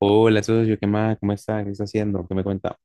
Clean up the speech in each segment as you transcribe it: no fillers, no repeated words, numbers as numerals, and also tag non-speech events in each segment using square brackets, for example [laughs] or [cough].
Hola, socio, ¿qué más? ¿Cómo está? ¿Qué está haciendo? ¿Qué me cuenta?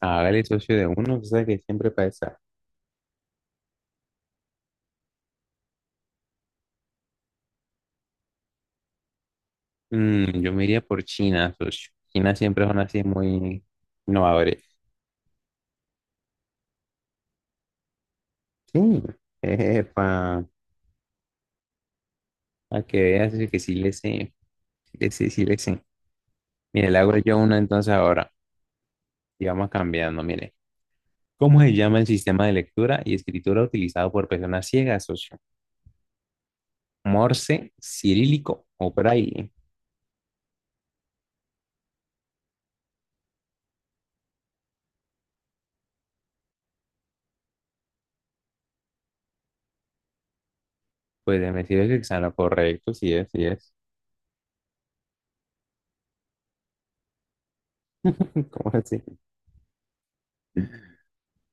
Hágale, socio, de uno, usted sabe que siempre pasa. Yo me iría por China, socio. China siempre son así muy innovadores. Sí, epa, para que veas socio, que sí le sé, sí le sé, sí le sé. Mire, le hago yo uno entonces ahora y vamos cambiando, mire. ¿Cómo se llama el sistema de lectura y escritura utilizado por personas ciegas, socio? ¿Morse, cirílico o braille? Pues me decir que está en lo correcto, sí es, sí es. [laughs] ¿Cómo así?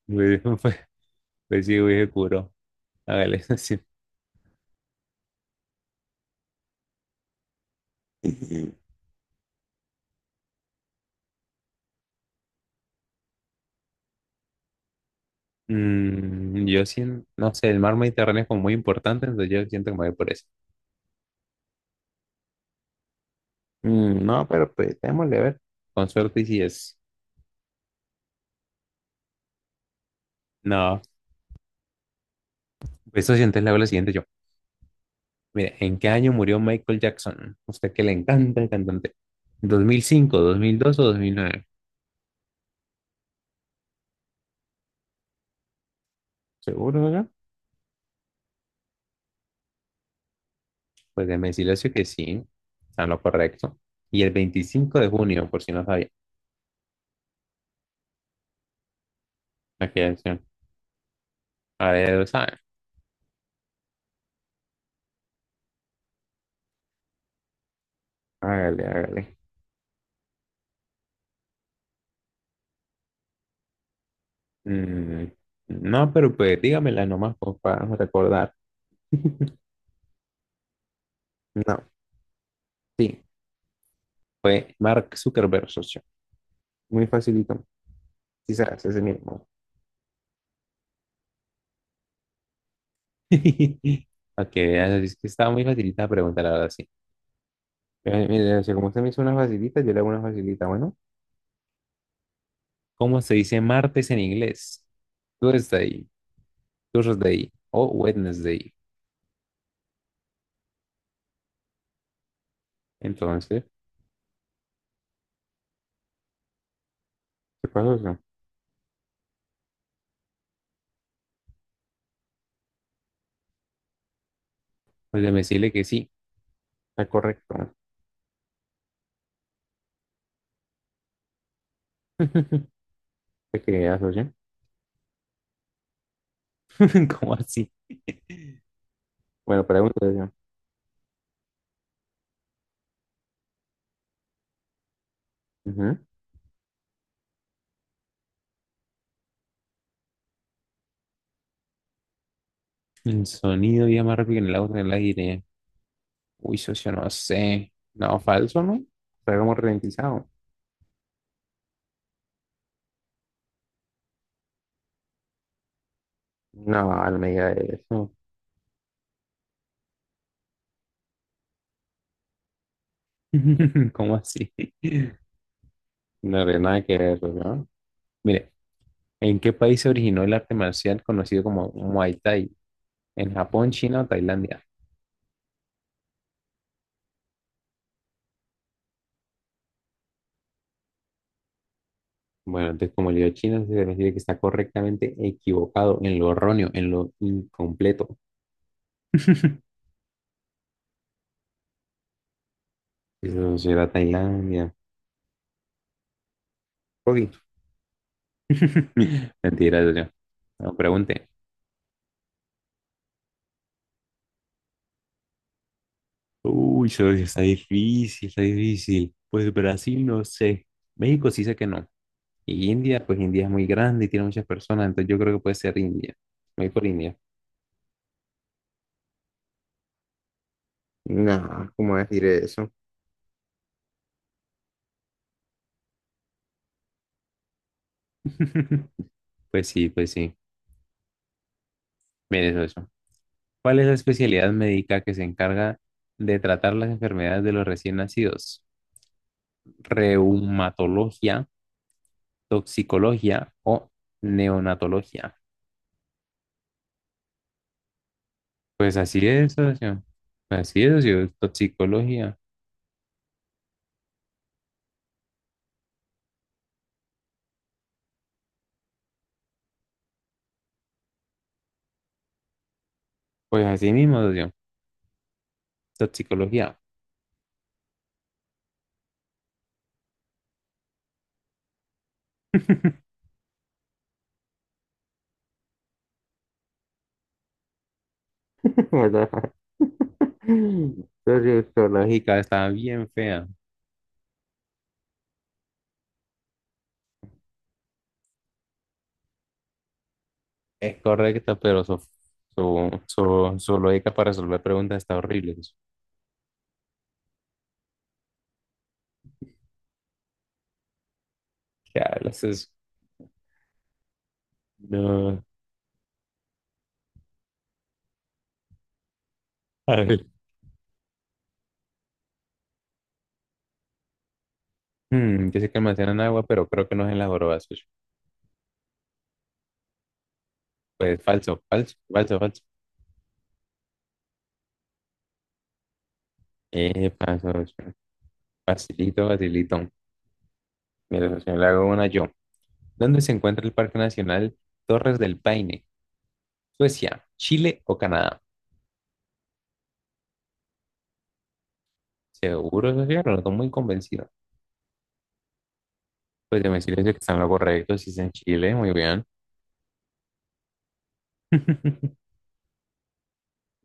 Güey, [laughs] pues sí, güey, seguro. Hágale, [laughs] así. Yo siento, no sé, el mar Mediterráneo es como muy importante, entonces yo siento que me voy por eso. No, pero pues démosle a ver. Con suerte y si es. No, pues eso sientes, le hago la siguiente yo. Mire, ¿en qué año murió Michael Jackson? Usted que le encanta el cantante. ¿2005, 2002 o 2009? ¿Seguro, verdad? Pues déjeme decirle eso que sí, está en lo correcto. Y el 25 de junio, por si no sabía. Aquí, a ver, ¿sabe? Hágale, hágale. Mm, no, pero pues dígamela nomás pues, para recordar. [laughs] No, sí, fue Mark Zuckerberg, socio. Muy facilito. Quizás ese mismo. [laughs] Ok, ya, es que estaba muy facilita la pregunta, la verdad, sí. Mire, socio, como usted me hizo una facilita, yo le hago una facilita. Bueno, ¿cómo se dice martes en inglés? Tuesday, Thursday o Wednesday. Entonces, ¿qué pasó, socio? Pues déjeme decirle que sí, está correcto. [laughs] ¿Te creas, socio? [laughs] ¿Cómo así? Bueno, pregunta yo. Ujú. El sonido viaja más rápido que en el auto en el aire. Uy, socio, no sé. No, falso, ¿no? Está como ralentizado. No, no me diga eso. [laughs] ¿Cómo así? No tiene nada que ver, ¿no? Mire, ¿en qué país se originó el arte marcial conocido como Muay Thai? ¿En Japón, China o Tailandia? Bueno, entonces como le dio China, se refiere que está correctamente equivocado en lo erróneo, en lo incompleto. [laughs] Eso será Tailandia. Ok, [laughs] Mentira, Julio. No pregunte. Uy, eso sí está difícil, está difícil. Pues Brasil, no sé. México sí sé que no. Y India, pues India es muy grande y tiene muchas personas, entonces yo creo que puede ser India. Me voy por India. No, ¿cómo decir eso? [laughs] Pues sí, pues sí. Mire eso, eso. ¿Cuál es la especialidad médica que se encarga de tratar las enfermedades de los recién nacidos? ¿Reumatología, toxicología o neonatología? Pues así es, socio. Así es, socio. Toxicología. Pues así mismo, socio. Toxicología. [laughs] ¿Verdad? [laughs] Sociológica está bien fea. Es correcta, pero su lógica para resolver preguntas está horrible, socio. ¿Qué hablas? No. A ver. Yo sé que almacenan agua, pero creo que no es en las jorobas, socio. Pues falso, falso, falso, falso. Falso, socio. Facilito, facilito. Mira, socio, le hago una yo. ¿Dónde se encuentra el Parque Nacional Torres del Paine? ¿Suecia, Chile o Canadá? Seguro, Sofía, pero no estoy muy convencido. Pues de decirles que están lo correcto, si es en Chile, muy bien.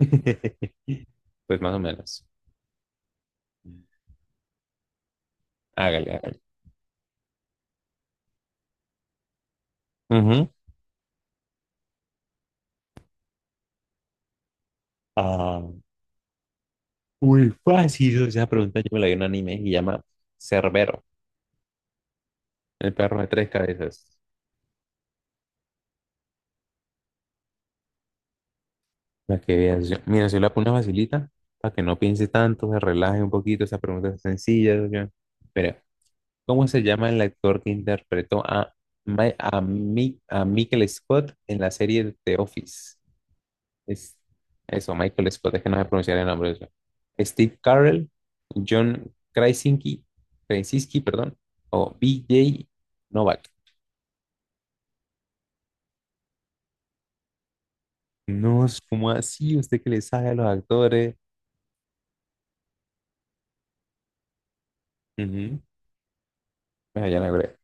[laughs] Pues más o menos. Hágale, hágale. Ujú. Ah, muy fácil. Esa pregunta yo me la vi en un anime y se llama Cerbero, el perro de tres cabezas. La que veas. Mira, si la pongo facilita, para que no piense tanto, se relaje un poquito. Esa pregunta es sencilla. Pero ¿cómo se llama el actor que interpretó a Michael Scott en la serie The Office? Es, eso, Michael Scott, es que no sé pronunciar el nombre de eso. Steve Carell, John Krasinski, Krasinski, perdón, o BJ Novak. No, es como así, usted que le sabe a los actores. Ujú. Ah, ya no creo,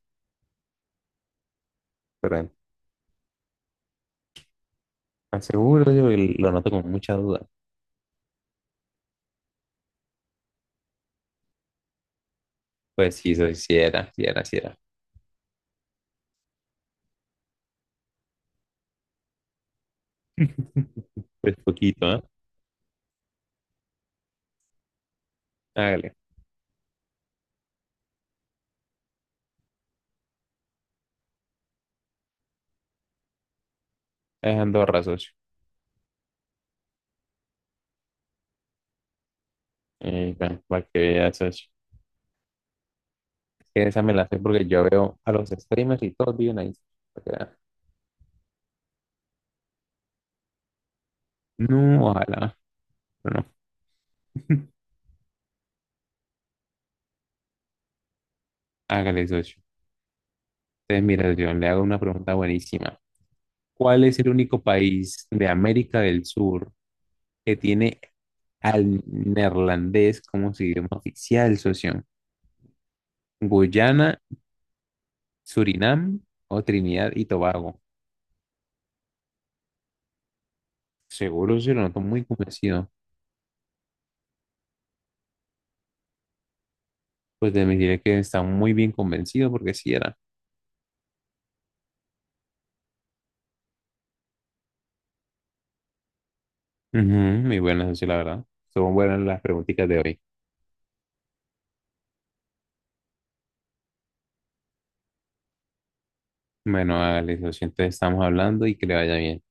perdón. Aseguro, yo lo noto con mucha duda. Pues sí, sí era, sí era, sí era. [laughs] Pues poquito, ¿eh? Hágale. Es Andorra, socio. Y bueno, para que veas, socio. Es que esa me la sé porque yo veo a los streamers y todos viven ahí. Para que vea. No, ojalá, pero no. [laughs] Hágale, socio. Entonces, mira, yo le hago una pregunta buenísima. ¿Cuál es el único país de América del Sur que tiene al neerlandés como su idioma oficial, socio? ¿Guyana, Surinam o Trinidad y Tobago? Seguro, sí lo noto muy convencido. Pues de me diré que está muy bien convencido porque sí era. Ujú, muy buenas, socio, la verdad. Son buenas las preguntitas de hoy. Bueno, Alex, lo siento, estamos hablando y que le vaya bien.